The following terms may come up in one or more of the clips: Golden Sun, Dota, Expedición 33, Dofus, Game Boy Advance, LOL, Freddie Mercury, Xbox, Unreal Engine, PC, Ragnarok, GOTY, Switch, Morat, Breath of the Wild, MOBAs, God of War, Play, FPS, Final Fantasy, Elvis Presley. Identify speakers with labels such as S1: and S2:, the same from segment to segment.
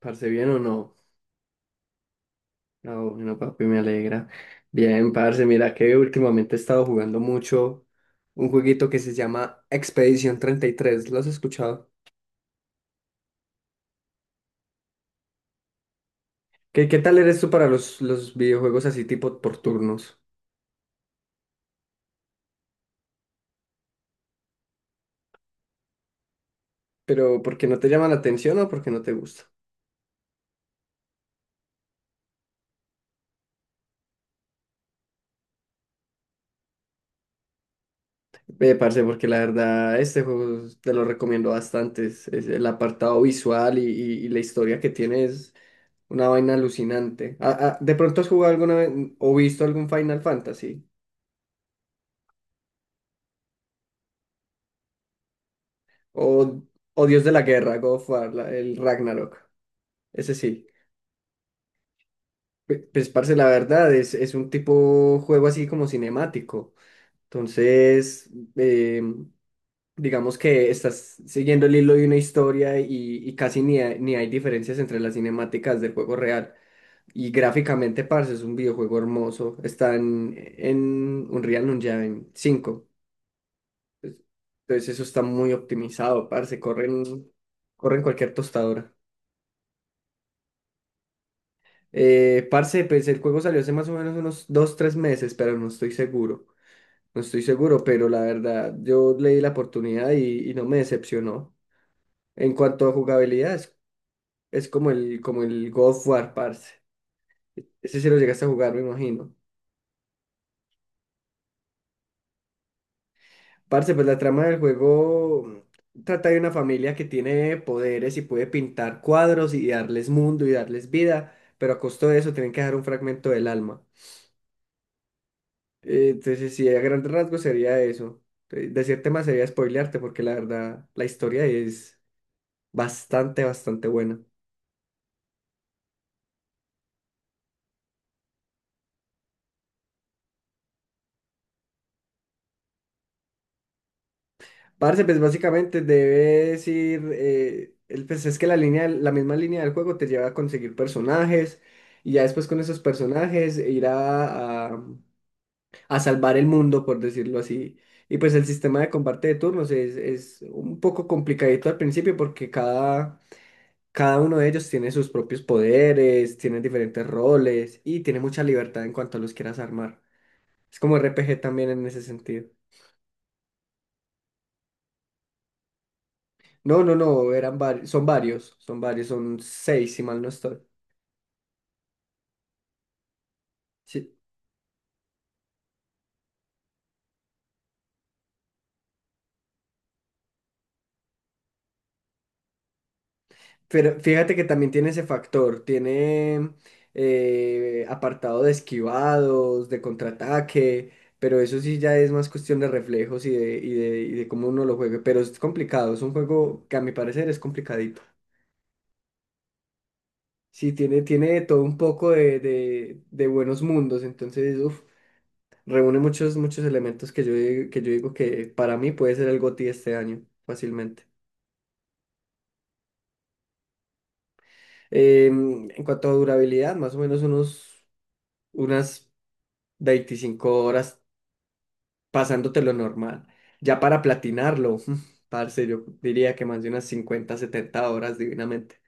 S1: Parce, ¿bien o no? Bueno, papi, me alegra. Bien, parce, mira que últimamente he estado jugando mucho un jueguito que se llama Expedición 33. ¿Lo has escuchado? ¿Qué tal eres tú para los videojuegos así tipo por turnos? ¿Pero porque no te llama la atención o porque no te gusta? Ve, parce, porque la verdad este juego te lo recomiendo bastante. Es el apartado visual y, y la historia que tiene es una vaina alucinante. ¿De pronto has jugado alguna vez o visto algún Final Fantasy? O, o Dios de la Guerra, God of War, el Ragnarok. Ese sí. Pues, parce, la verdad, es un tipo juego así como cinemático. Entonces, eh, digamos que estás siguiendo el hilo de una historia y casi ni hay diferencias entre las cinemáticas del juego real. Y gráficamente, parce, es un videojuego hermoso. Está en Unreal Engine cinco. Entonces, eso está muy optimizado, parce. Corren cualquier tostadora. Parce, pues el juego salió hace más o menos unos 2 3 meses, pero no estoy seguro. No estoy seguro, pero la verdad, yo le di la oportunidad y no me decepcionó. En cuanto a jugabilidad, es como el God of War, parce. Ese sí lo llegaste a jugar, me imagino. Parce, pues la trama del juego trata de una familia que tiene poderes y puede pintar cuadros y darles mundo y darles vida, pero a costo de eso tienen que dejar un fragmento del alma. Entonces, sí, a grandes rasgos sería eso. Decirte más sería spoilearte, porque la verdad, la historia es bastante buena. Parce, pues básicamente debes ir. Pues es que la misma línea del juego te lleva a conseguir personajes, y ya después con esos personajes ir a salvar el mundo, por decirlo así. Y pues el sistema de combate de turnos es un poco complicadito al principio, porque cada. Cada uno de ellos tiene sus propios poderes, tiene diferentes roles y tiene mucha libertad en cuanto a los quieras armar. Es como RPG también en ese sentido. No, eran varios, son varios, son seis si mal no estoy. Sí. Pero fíjate que también tiene ese factor, tiene apartado de esquivados, de contraataque, pero eso sí ya es más cuestión de reflejos y de cómo uno lo juegue. Pero es complicado, es un juego que a mi parecer es complicadito. Sí, tiene todo un poco de buenos mundos, entonces, uf, reúne muchos elementos que yo digo que para mí puede ser el GOTY este año, fácilmente. En cuanto a durabilidad, más o menos unos, unas 25 horas pasándote lo normal. Ya para platinarlo, parce, yo diría que más de unas 50 70 horas divinamente.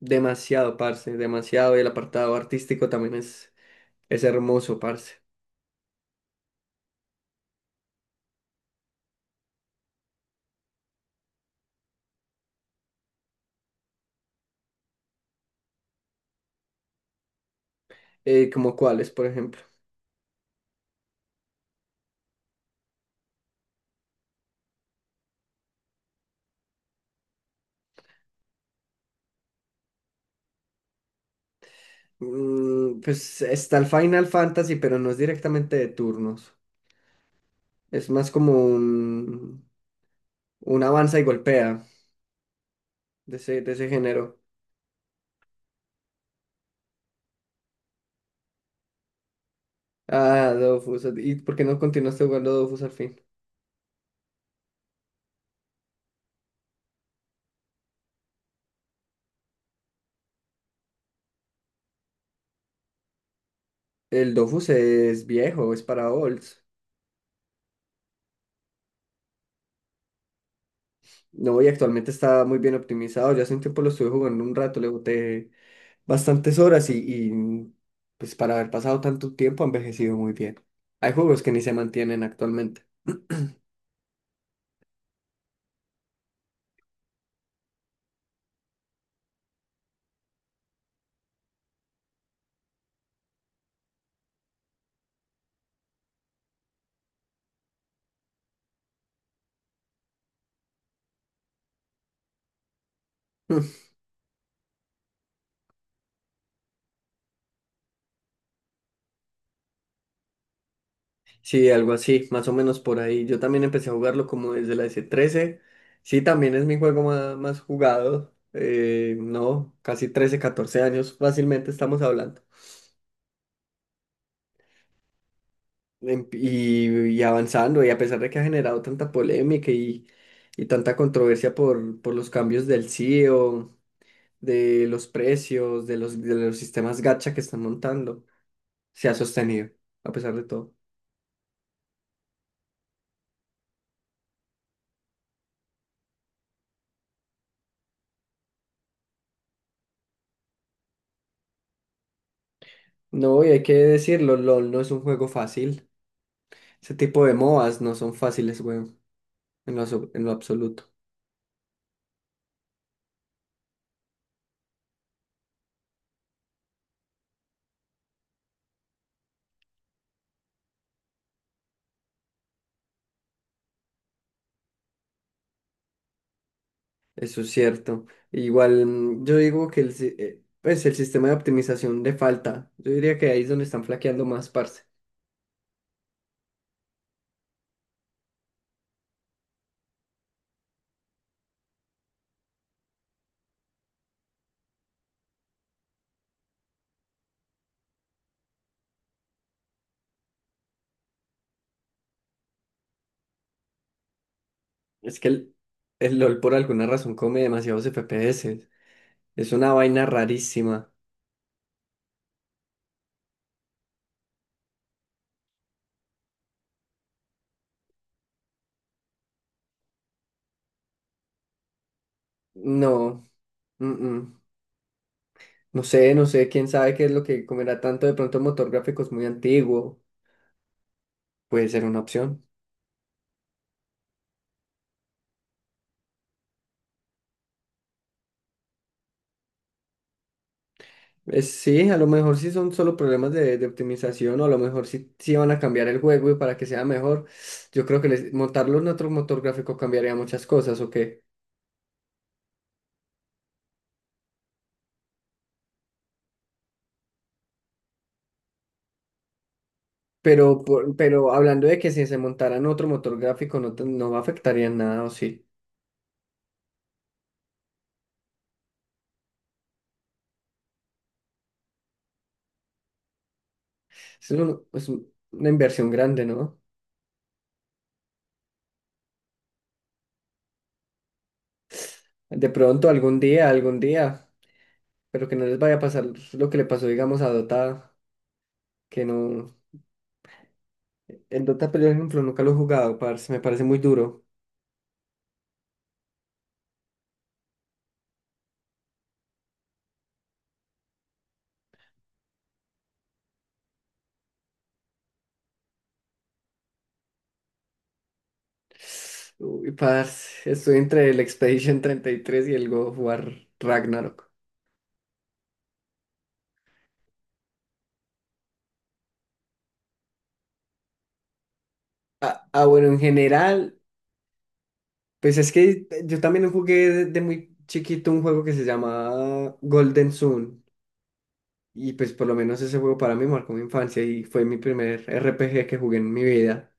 S1: Demasiado, parce, demasiado. Y el apartado artístico también es hermoso, parce. Como cuáles, por ejemplo. Pues está el Final Fantasy, pero no es directamente de turnos. Es más como un avanza y golpea de ese género. Ah, Dofus. ¿Y por qué no continuaste jugando Dofus al fin? El Dofus es viejo, es para olds. No, y actualmente está muy bien optimizado. Yo hace un tiempo lo estuve jugando un rato, le boté bastantes horas y, pues para haber pasado tanto tiempo ha envejecido muy bien. Hay juegos que ni se mantienen actualmente. Sí, algo así, más o menos por ahí. Yo también empecé a jugarlo como desde la s trece. Sí, también es mi juego más, jugado. No, casi 13 14 años fácilmente estamos hablando. em- y, y avanzando, y a pesar de que ha generado tanta polémica y tanta controversia por los cambios del CEO, de los precios, de los sistemas gacha que están montando, se ha sostenido, a pesar de todo. No, y hay que decirlo, LOL no es un juego fácil. Ese tipo de MOBAs no son fáciles, weón, en lo, en lo absoluto. Eso es cierto. Igual yo digo que el, si- pues el sistema de optimización de falta, yo diría que ahí es donde están flaqueando más, parce. Es que el LOL por alguna razón come demasiados FPS. Es una vaina rarísima. No, mm-mm. No sé, no sé, quién sabe qué es lo que comerá tanto. De pronto motor gráfico es muy antiguo. Puede ser una opción. Es, sí, a lo mejor sí son solo problemas de optimización o a lo mejor sí, sí van a cambiar el juego y para que sea mejor. Yo creo que montarlo en otro motor gráfico cambiaría muchas cosas, ¿o qué? Pero, pero hablando de que si se montara en otro motor gráfico no, no afectaría en nada, ¿o sí? Una inversión grande, ¿no? De pronto, algún día, pero que no les vaya a pasar lo que le pasó, digamos, a Dota, que no... El Dota, pero, por ejemplo, nunca lo he jugado, parce, me parece muy duro. Uy, parce, estoy entre el Expedition 33 y tres y el God of War Ragnarok. Bueno, en general, pues es que yo también jugué de muy chiquito un juego que se llama Golden Sun. Y pues por lo menos ese juego para mí marcó mi infancia y fue mi primer RPG que jugué en mi vida.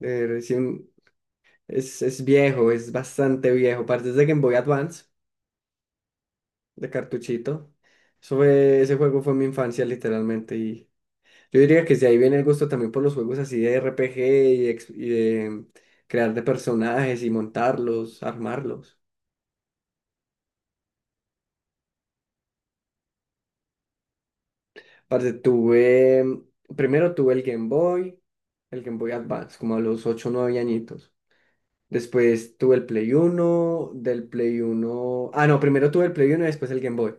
S1: Eh, recién- es viejo, es bastante viejo. Parte de Game Boy Advance, de cartuchito. Ese juego fue mi infancia literalmente. Y yo diría que si ahí viene el gusto también por los juegos así de RPG y, y de crear de personajes y montarlos, armarlos. Parce, tuve, primero tuve el Game Boy Advance, como a los 8 o 9 añitos. Después tuve el Play uno Ah, no, primero tuve el Play uno y después el Game Boy.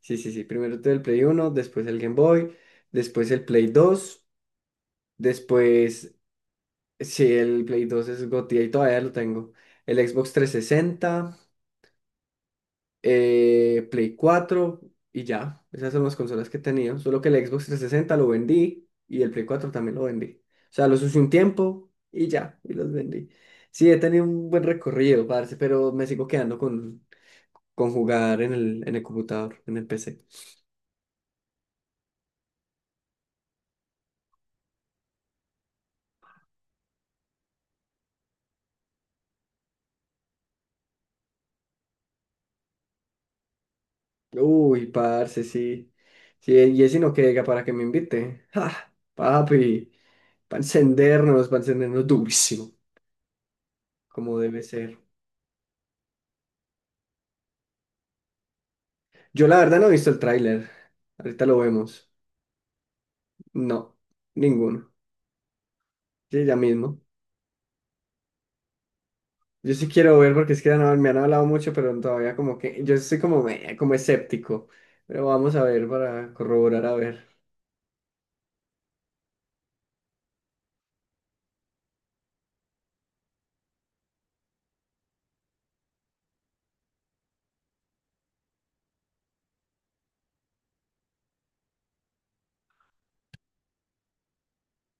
S1: Sí, sí, sí. Primero tuve el Play uno después el Game Boy, después el Play dos después. Sí, el Play dos es Gotti y todavía lo tengo. El Xbox 360, Play cuatro y ya. Esas son las consolas que he tenido. Solo que el Xbox trescientos sesenta lo vendí y el Play cuatro también lo vendí. O sea, los usé un tiempo y ya, y los vendí. Sí, he tenido un buen recorrido, parce, pero me sigo quedando con jugar en el computador, en el PC. Uy, parce, sí. Sí, y ese no queda para que me invite. ¡Ah! Papi, para encendernos durísimo, como debe ser. Yo la verdad no he visto el tráiler. Ahorita lo vemos. No, ninguno. Sí, ya mismo. Yo sí quiero ver porque es que ya no, me han hablado mucho, pero todavía como que yo soy como, como escéptico. Pero vamos a ver para corroborar, a ver.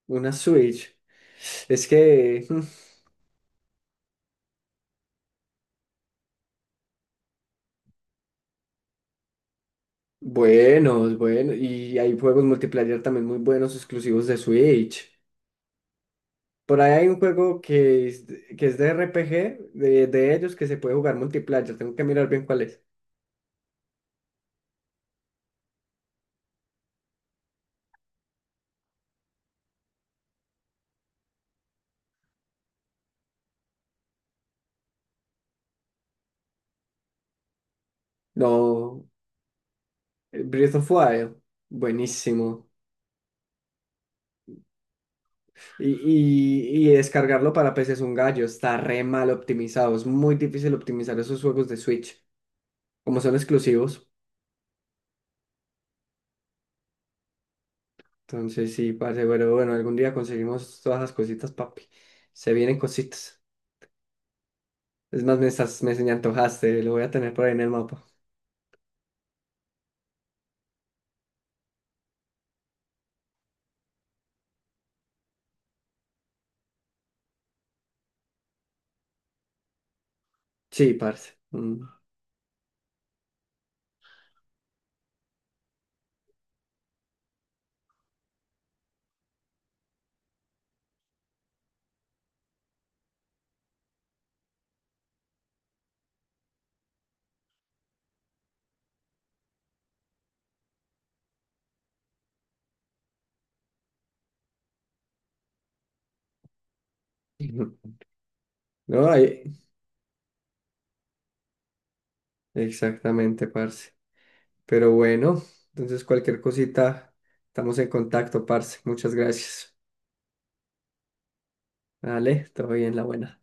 S1: Una Switch. Es que, buenos, bueno, y hay juegos multiplayer también muy buenos exclusivos de Switch. Por ahí hay un juego que es de RPG, de ellos, que se puede jugar multiplayer. Tengo que mirar bien cuál es. No, Breath of Wild, buenísimo. Y, y descargarlo para PC es un gallo, está re mal optimizado, es muy difícil optimizar esos juegos de Switch, como son exclusivos. Entonces sí, parce, pero bueno, algún día conseguimos todas las cositas, papi. Se vienen cositas. Es más, me estás, me antojaste, lo voy a tener por ahí en el mapa. Sí, parce. Mm. Ujú. No, ahí- Exactamente, parce. Pero bueno, entonces cualquier cosita, estamos en contacto, parce. Muchas gracias. Vale, todo bien, la buena.